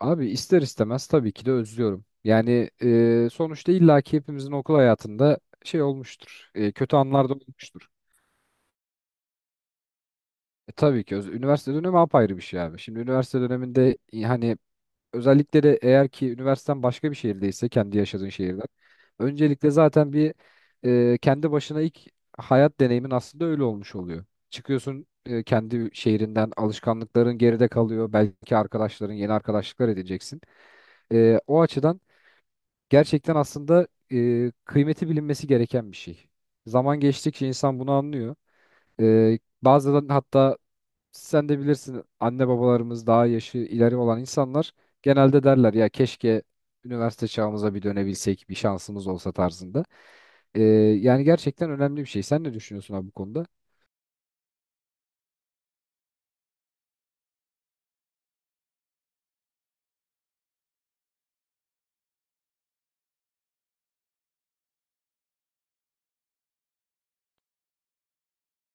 Abi ister istemez tabii ki de özlüyorum. Yani sonuçta illaki hepimizin okul hayatında şey olmuştur. Kötü anlar da olmuştur. Tabii ki üniversite dönemi apayrı bir şey abi. Şimdi üniversite döneminde hani özellikle de eğer ki üniversiten başka bir şehirdeyse kendi yaşadığın şehirden. Öncelikle zaten kendi başına ilk hayat deneyimin aslında öyle olmuş oluyor. Çıkıyorsun kendi şehrinden alışkanlıkların geride kalıyor. Belki arkadaşların yeni arkadaşlıklar edeceksin. O açıdan gerçekten aslında kıymeti bilinmesi gereken bir şey. Zaman geçtikçe insan bunu anlıyor. Bazen hatta sen de bilirsin anne babalarımız daha yaşı ileri olan insanlar genelde derler ya keşke üniversite çağımıza bir dönebilsek bir şansımız olsa tarzında. Yani gerçekten önemli bir şey. Sen ne düşünüyorsun abi bu konuda?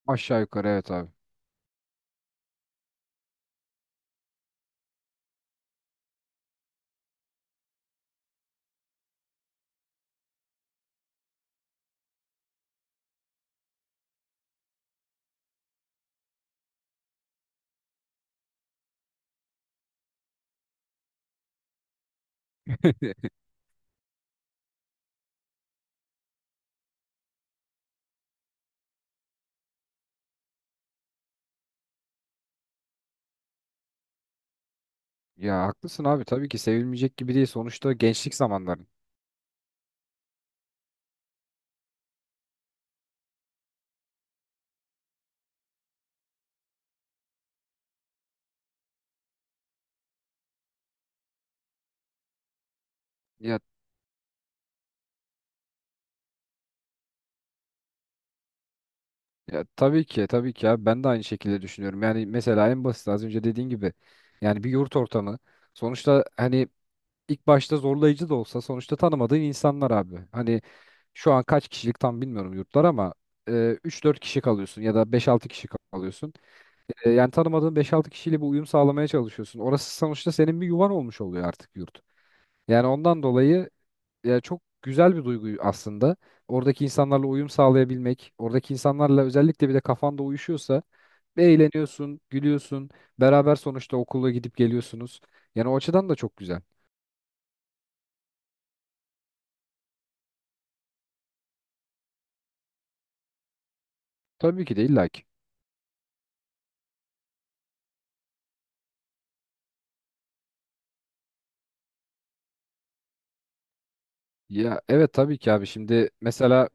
Aşağı yukarı evet abi. Ya haklısın abi tabii ki sevilmeyecek gibi değil sonuçta gençlik zamanların. Ya Ya, tabii ki tabii ki abi ben de aynı şekilde düşünüyorum. Yani mesela en basit az önce dediğin gibi yani bir yurt ortamı sonuçta hani ilk başta zorlayıcı da olsa sonuçta tanımadığın insanlar abi. Hani şu an kaç kişilik tam bilmiyorum yurtlar ama e, 3-4 kişi kalıyorsun ya da beş altı kişi kalıyorsun. Yani tanımadığın beş altı kişiyle bir uyum sağlamaya çalışıyorsun. Orası sonuçta senin bir yuvan olmuş oluyor artık yurt. Yani ondan dolayı ya çok güzel bir duygu aslında. Oradaki insanlarla uyum sağlayabilmek, oradaki insanlarla özellikle bir de kafanda uyuşuyorsa eğleniyorsun, gülüyorsun, beraber sonuçta okula gidip geliyorsunuz. Yani o açıdan da çok güzel. Tabii ki de illa ki. Ya evet tabii ki abi şimdi mesela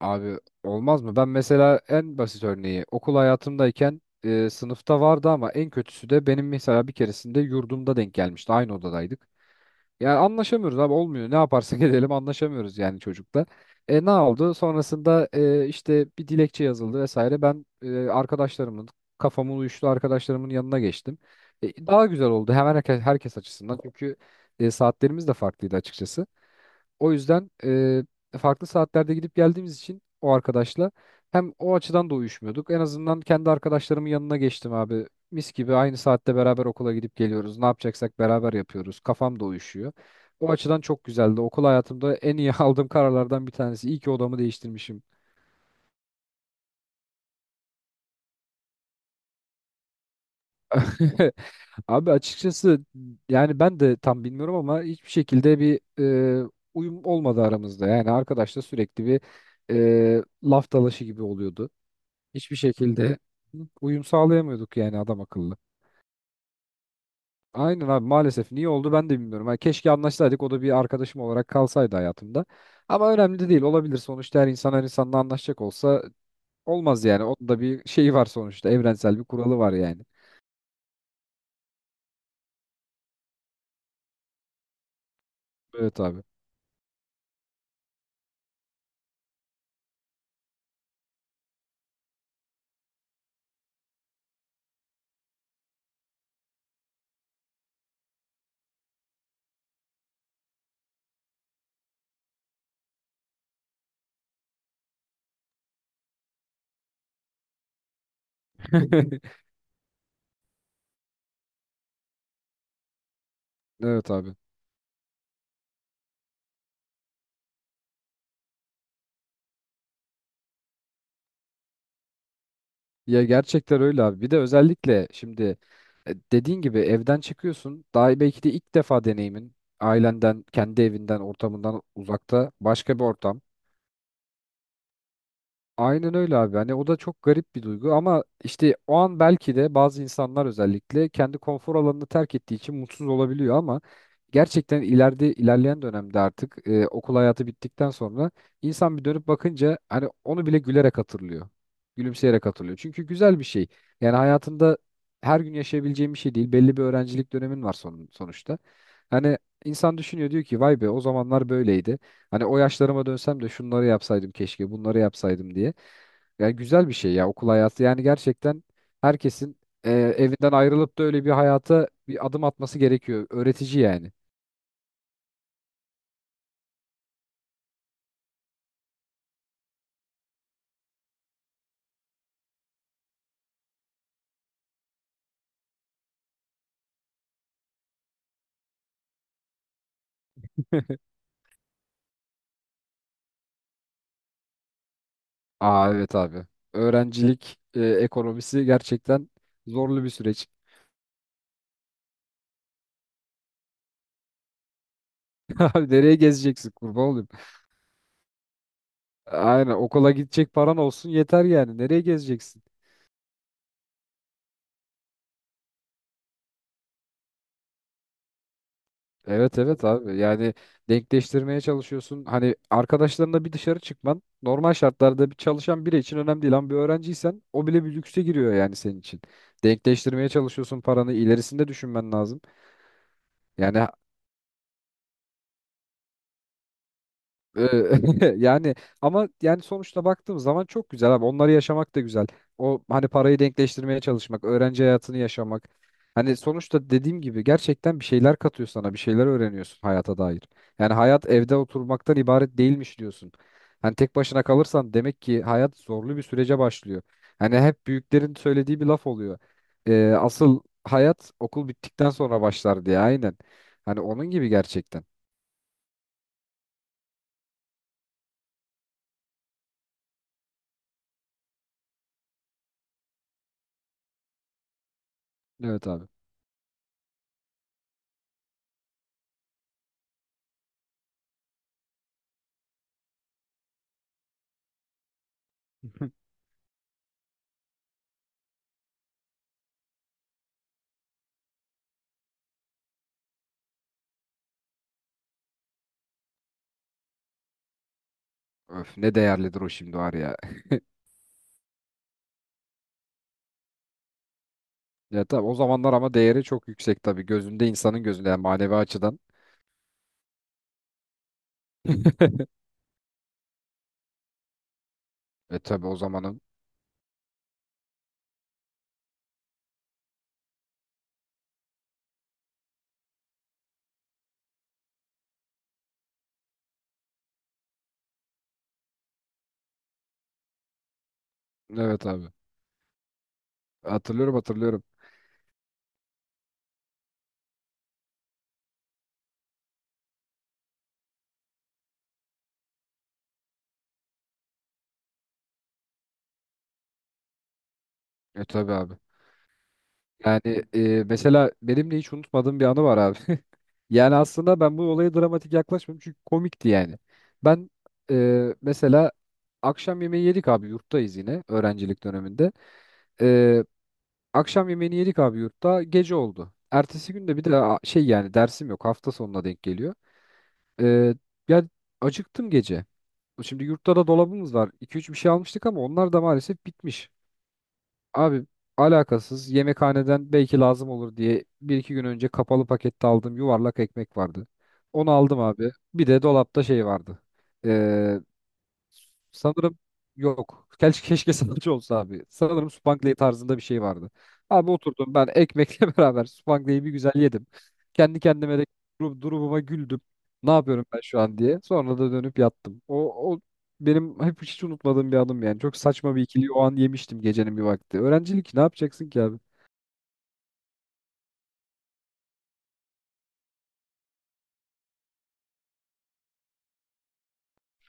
abi olmaz mı? Ben mesela en basit örneği okul hayatımdayken sınıfta vardı ama en kötüsü de benim mesela bir keresinde yurdumda denk gelmişti. Aynı odadaydık. Yani anlaşamıyoruz abi olmuyor. Ne yaparsak edelim anlaşamıyoruz yani çocukla. Ne oldu? Sonrasında işte bir dilekçe yazıldı vesaire. Ben e, arkadaşlarımın kafamın uyuştu arkadaşlarımın yanına geçtim. Daha güzel oldu hemen herkes açısından. Çünkü saatlerimiz de farklıydı açıkçası. O yüzden farklı saatlerde gidip geldiğimiz için o arkadaşla hem o açıdan da uyuşmuyorduk. En azından kendi arkadaşlarımın yanına geçtim abi. Mis gibi aynı saatte beraber okula gidip geliyoruz. Ne yapacaksak beraber yapıyoruz. Kafam da uyuşuyor. O açıdan çok güzeldi. Okul hayatımda en iyi aldığım kararlardan bir tanesi. İyi ki odamı değiştirmişim. Abi açıkçası yani ben de tam bilmiyorum ama hiçbir şekilde bir e, uyum olmadı aramızda. Yani arkadaşla sürekli bir laf dalaşı gibi oluyordu. Hiçbir şekilde uyum sağlayamıyorduk yani adam akıllı. Aynen abi maalesef niye oldu ben de bilmiyorum. Hani keşke anlaşsaydık o da bir arkadaşım olarak kalsaydı hayatımda. Ama önemli de değil olabilir sonuçta her insan her insanla anlaşacak olsa olmaz yani. Onun da bir şeyi var sonuçta evrensel bir kuralı var yani. Evet abi. Evet abi. Ya gerçekten öyle abi. Bir de özellikle şimdi dediğin gibi evden çıkıyorsun. Daha belki de ilk defa deneyimin ailenden, kendi evinden, ortamından uzakta başka bir ortam. Aynen öyle abi. Hani o da çok garip bir duygu ama işte o an belki de bazı insanlar özellikle kendi konfor alanını terk ettiği için mutsuz olabiliyor ama gerçekten ileride ilerleyen dönemde artık okul hayatı bittikten sonra insan bir dönüp bakınca hani onu bile gülerek hatırlıyor. Gülümseyerek hatırlıyor. Çünkü güzel bir şey. Yani hayatında her gün yaşayabileceğim bir şey değil. Belli bir öğrencilik dönemin var sonuçta. Hani insan düşünüyor diyor ki vay be o zamanlar böyleydi. Hani o yaşlarıma dönsem de şunları yapsaydım keşke, bunları yapsaydım diye. Yani güzel bir şey ya okul hayatı. Yani gerçekten herkesin evinden ayrılıp da öyle bir hayata bir adım atması gerekiyor. Öğretici yani. Aa, evet abi. Öğrencilik ekonomisi gerçekten zorlu bir süreç. Abi nereye gezeceksin kurban olayım? Aynen okula gidecek paran olsun yeter yani. Nereye gezeceksin? Evet evet abi yani denkleştirmeye çalışıyorsun. Hani arkadaşlarınla bir dışarı çıkman normal şartlarda bir çalışan biri için önemli değil ama bir öğrenciysen o bile bir lükse giriyor yani senin için. Denkleştirmeye çalışıyorsun paranı ilerisinde düşünmen lazım. Yani Ee, yani ama yani sonuçta baktığım zaman çok güzel abi. Onları yaşamak da güzel. O hani parayı denkleştirmeye çalışmak, öğrenci hayatını yaşamak. Hani sonuçta dediğim gibi gerçekten bir şeyler katıyor sana, bir şeyler öğreniyorsun hayata dair. Yani hayat evde oturmaktan ibaret değilmiş diyorsun. Hani tek başına kalırsan demek ki hayat zorlu bir sürece başlıyor. Hani hep büyüklerin söylediği bir laf oluyor. Asıl hayat okul bittikten sonra başlar diye aynen. Hani onun gibi gerçekten. Evet abi. Öf ne değerlidir o şimdi var ya. Ya tabii o zamanlar ama değeri çok yüksek tabii. Gözünde insanın gözünde yani manevi açıdan. Tabii o zamanın. Evet abi. Hatırlıyorum hatırlıyorum. Tabii abi. Yani mesela benim de hiç unutmadığım bir anı var abi. Yani aslında ben bu olaya dramatik yaklaşmıyorum çünkü komikti yani. Ben mesela akşam yemeği yedik abi yurttayız yine öğrencilik döneminde. E, Akşam yemeğini yedik abi yurtta gece oldu. Ertesi gün de bir de şey yani dersim yok hafta sonuna denk geliyor. Ee, Ya acıktım gece. Şimdi yurtta da dolabımız var. iki üç bir şey almıştık ama onlar da maalesef bitmiş. Abi alakasız yemekhaneden belki lazım olur diye bir iki gün önce kapalı pakette aldığım yuvarlak ekmek vardı. Onu aldım abi. Bir de dolapta şey vardı. Sanırım yok. Keşke, keşke sanatçı olsa abi. Sanırım Spangley tarzında bir şey vardı. Abi oturdum ben ekmekle beraber Spangley'i bir güzel yedim. Kendi kendime de durumuma güldüm. Ne yapıyorum ben şu an diye. Sonra da dönüp yattım. O benim hep hiç unutmadığım bir anım yani. Çok saçma bir ikili o an yemiştim gecenin bir vakti. Öğrencilik ne yapacaksın ki abi?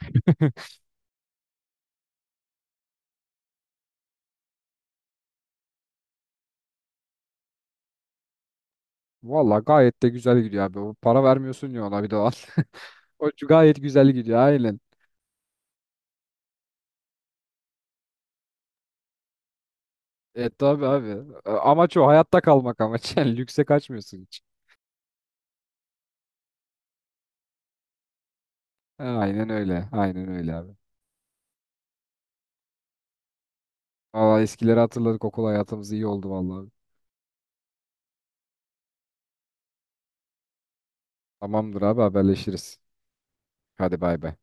Valla gayet de güzel gidiyor abi. O para vermiyorsun ya ona bir de o an. O gayet güzel gidiyor aynen. E tabi abi. Amaç o. Hayatta kalmak amaç. Yani lükse kaçmıyorsun hiç. Aynen öyle. Aynen öyle abi. Valla eskileri hatırladık. Okul hayatımız iyi oldu vallahi. Tamamdır abi haberleşiriz. Hadi bay bay.